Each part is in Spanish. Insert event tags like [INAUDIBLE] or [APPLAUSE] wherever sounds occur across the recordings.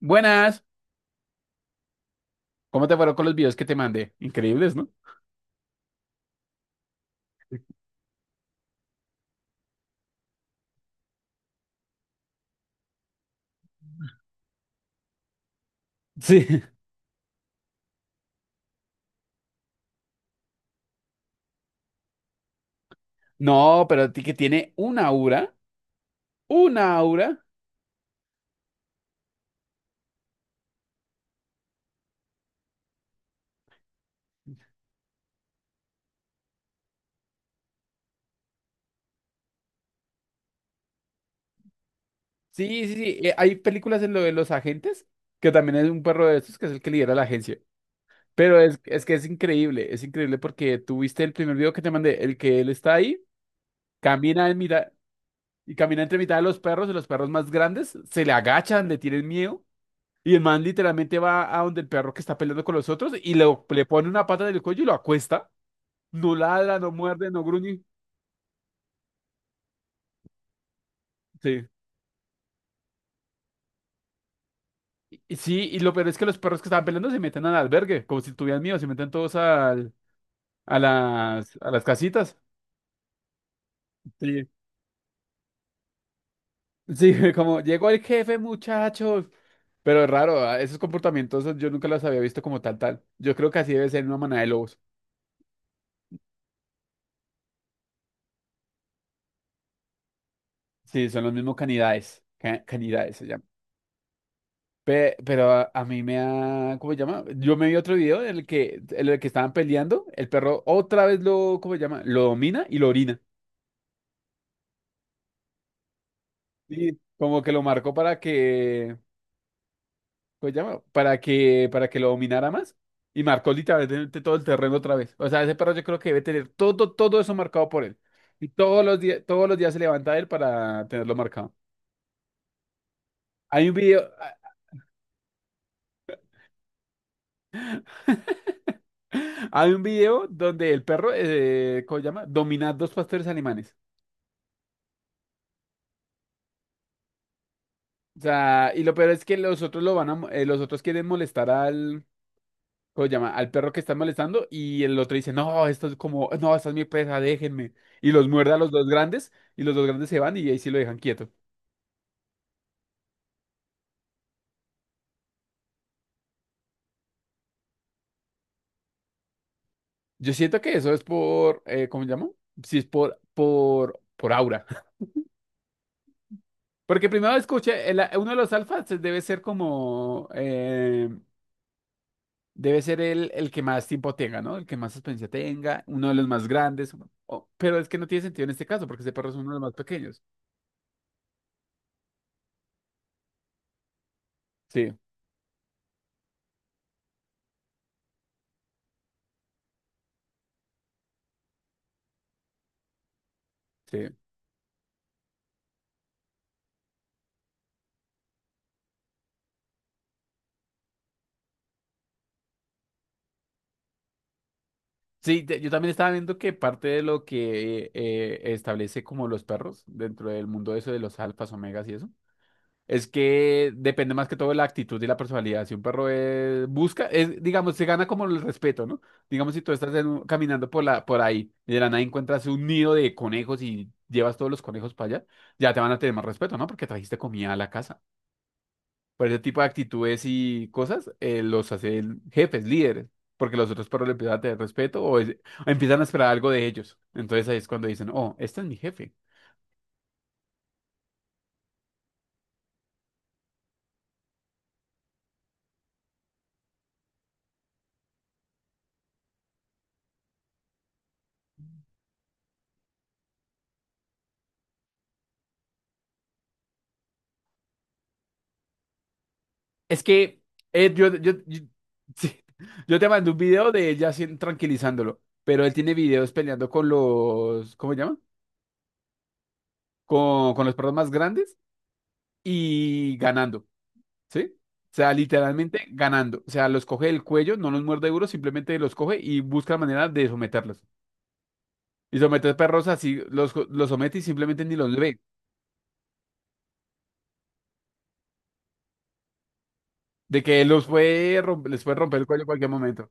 Buenas, ¿cómo te fueron con los videos que te mandé? Increíbles, ¿no? Sí. [LAUGHS] No, pero ti que tiene una aura, una aura. Sí, sí, sí. Hay películas en lo de los agentes, que también es un perro de estos, que es el que lidera la agencia. Pero es que es increíble porque tú viste el primer video que te mandé, el que él está ahí, camina en mitad, y camina entre mitad de los perros, y los perros más grandes se le agachan, le tienen miedo, y el man literalmente va a donde el perro que está peleando con los otros y le pone una pata del cuello y lo acuesta. No ladra, no muerde, no gruñe. Sí. Y sí, y lo peor es que los perros que estaban peleando se meten al albergue, como si estuvieran míos, se meten todos a las casitas. Sí. Sí, [LAUGHS] como llegó el jefe, muchachos. Pero es raro, ¿ah? Esos comportamientos yo nunca los había visto como tal, tal. Yo creo que así debe ser en una manada de lobos. Sí, son los mismos canidades. Canidades se llaman. Pero a mí me ha, ¿cómo se llama? Yo me vi otro video en el que estaban peleando, el perro otra vez lo, ¿cómo se llama? Lo domina y lo orina. Sí, como que lo marcó para que, pues llama, para que lo dominara más. Y marcó literalmente todo el terreno otra vez. O sea, ese perro yo creo que debe tener todo eso marcado por él. Y todos los días se levanta él para tenerlo marcado. Hay un video, [LAUGHS] hay un video donde el perro, ¿cómo se llama? Domina dos pastores alemanes. O sea, y lo peor es que los otros lo van a, mo- los otros quieren molestar al, ¿cómo se llama? Al perro que están molestando y el otro dice, no, esto es como, no, esta es mi presa, déjenme. Y los muerde a los dos grandes y los dos grandes se van y ahí sí lo dejan quieto. Yo siento que eso es por, ¿cómo se llama? Sí, es por aura. [LAUGHS] Porque primero escuché, uno de los alfas debe ser como, debe ser el que más tiempo tenga, ¿no? El que más experiencia tenga, uno de los más grandes. Pero es que no tiene sentido en este caso porque ese perro es uno de los más pequeños. Sí, sí. Sí, yo también estaba viendo que parte de lo que establece como los perros dentro del mundo eso de los alfas, omegas y eso, es que depende más que todo de la actitud y la personalidad. Si un perro busca, digamos, se gana como el respeto, ¿no? Digamos, si tú estás caminando por ahí y de la nada encuentras un nido de conejos y llevas todos los conejos para allá, ya te van a tener más respeto, ¿no? Porque trajiste comida a la casa. Por ese tipo de actitudes y cosas, los hace jefes, líderes, porque los otros perros le empiezan a tener respeto o empiezan a esperar algo de ellos. Entonces ahí es cuando dicen, oh, este es mi jefe. Es que eh, yo, yo, yo, [LAUGHS] sí, yo te mandé un video de ella así tranquilizándolo, pero él tiene videos peleando con los, ¿cómo se llama? Con los perros más grandes y ganando, ¿sí? O sea, literalmente ganando. O sea, los coge del cuello, no los muerde duro, simplemente los coge y busca la manera de someterlos. Y someter perros así, los somete y simplemente ni los ve. De que él los puede les puede romper el cuello en cualquier momento.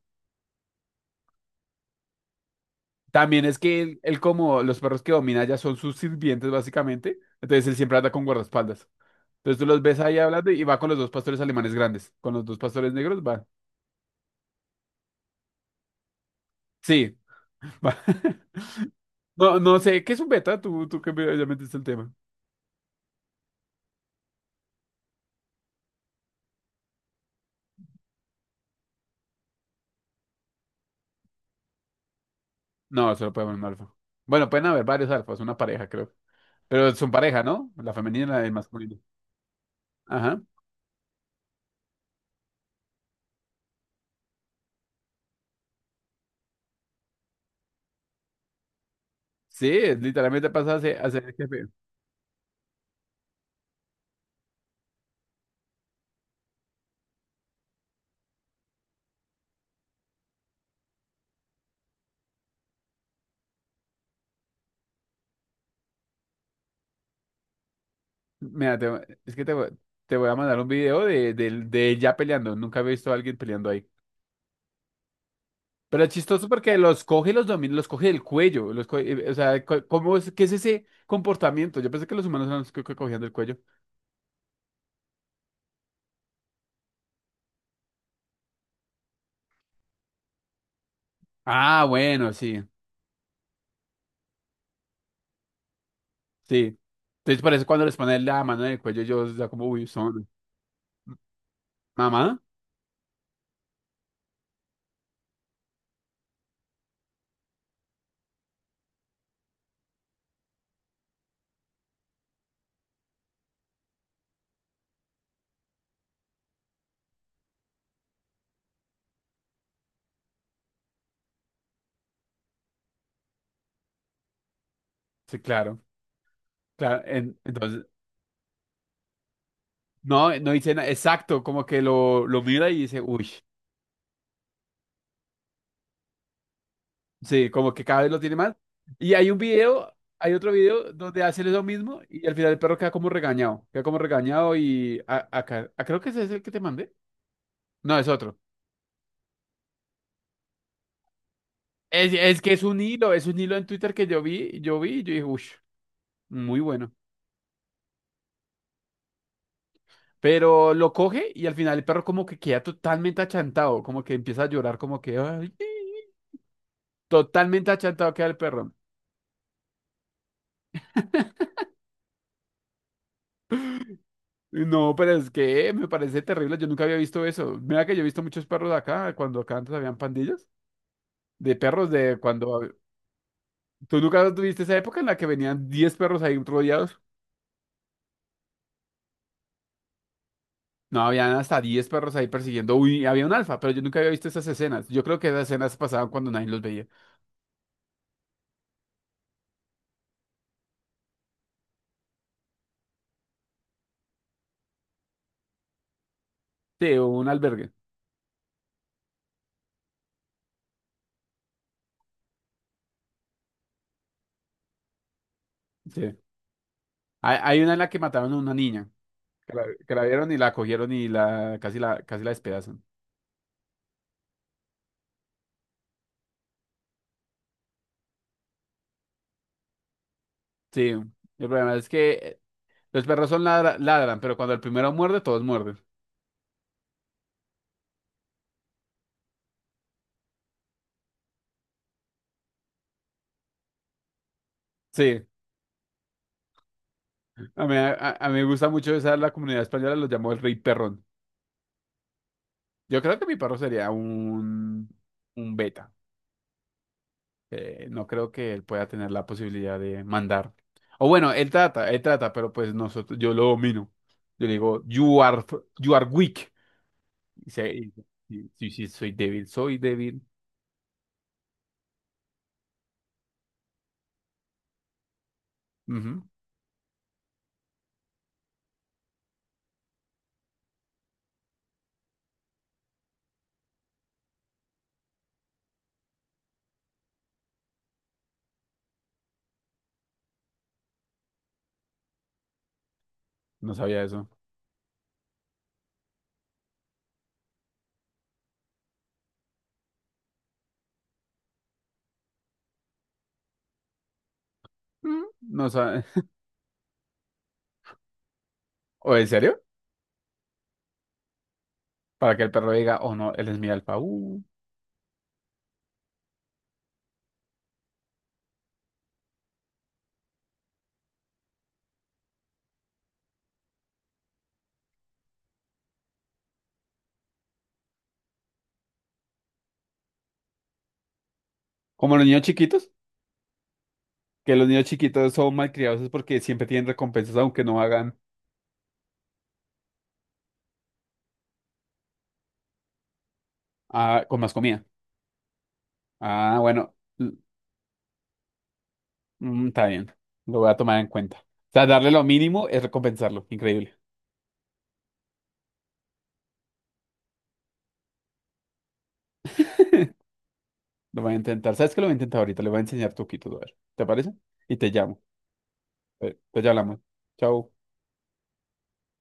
También es que él como los perros que domina ya son sus sirvientes, básicamente. Entonces él siempre anda con guardaespaldas. Entonces tú los ves ahí hablando y va con los dos pastores alemanes grandes. Con los dos pastores negros va. Sí, va. [LAUGHS] No, no sé, ¿qué es un beta? Tú que ya metiste el tema. No, solo puede haber un alfa. Bueno, pueden haber varios alfas, una pareja, creo. Pero son pareja, ¿no? La femenina y la masculina. Ajá. Sí, es literalmente pasa a ser el jefe. Mira, te, es que te voy a mandar un video de ella peleando. Nunca he visto a alguien peleando ahí. Pero es chistoso porque los coge y los domina, los coge del cuello. O sea, ¿cómo es, qué es ese comportamiento? Yo pensé que los humanos eran los que cogían del cuello. Ah, bueno, sí, sí. Entonces por eso cuando les ponen la mano en el cuello, yo ya como, uy, son. ¿Mamá? Sí, claro. Claro. No, no dice nada. Exacto, como que lo mira y dice, uy. Sí, como que cada vez lo tiene mal. Y hay un video, hay otro video donde hace lo mismo y al final el perro queda como regañado. Queda como regañado y acá, creo que ese es el que te mandé. No, es otro. Es que es un hilo en Twitter que yo vi y yo dije, uff, muy bueno. Pero lo coge y al final el perro como que queda totalmente achantado, como que empieza a llorar, como que "Ay", sí". Totalmente achantado queda el perro. Y no, pero es que me parece terrible, yo nunca había visto eso. Mira que yo he visto muchos perros acá, cuando acá antes habían pandillas. De perros de cuando. ¿Tú nunca tuviste esa época en la que venían 10 perros ahí rodeados? No, habían hasta 10 perros ahí persiguiendo. Uy, había un alfa, pero yo nunca había visto esas escenas. Yo creo que esas escenas pasaban cuando nadie los veía. Sí, o un albergue. Sí. Hay una en la que mataron a una niña. Que la vieron y la cogieron y la casi la despedazan. Sí. El problema es que los perros son ladran, pero cuando el primero muerde, todos muerden. Sí. A mí me gusta mucho esa, la comunidad española los llamó el rey perrón. Yo creo que mi perro sería un beta. No creo que él pueda tener la posibilidad de mandar. O bueno, él trata, pero pues nosotros, yo lo domino. Yo le digo, you are weak. Y se- y- sí, sí, sí, soy débil, soy débil. Ujú. No sabía eso. Mm. No sabe. [LAUGHS] ¿O en serio? Para que el perro diga, oh no, él es mi alfa. Como los niños chiquitos, que los niños chiquitos son malcriados es porque siempre tienen recompensas, aunque no hagan con más comida. Ah, bueno. Está bien, lo voy a tomar en cuenta. O sea, darle lo mínimo es recompensarlo. Increíble. [LAUGHS] Lo voy a intentar. ¿Sabes qué? Lo voy a intentar ahorita. Le voy a enseñar truquitos, a ver. ¿Te parece? Y te llamo. Pues ya hablamos. Chao.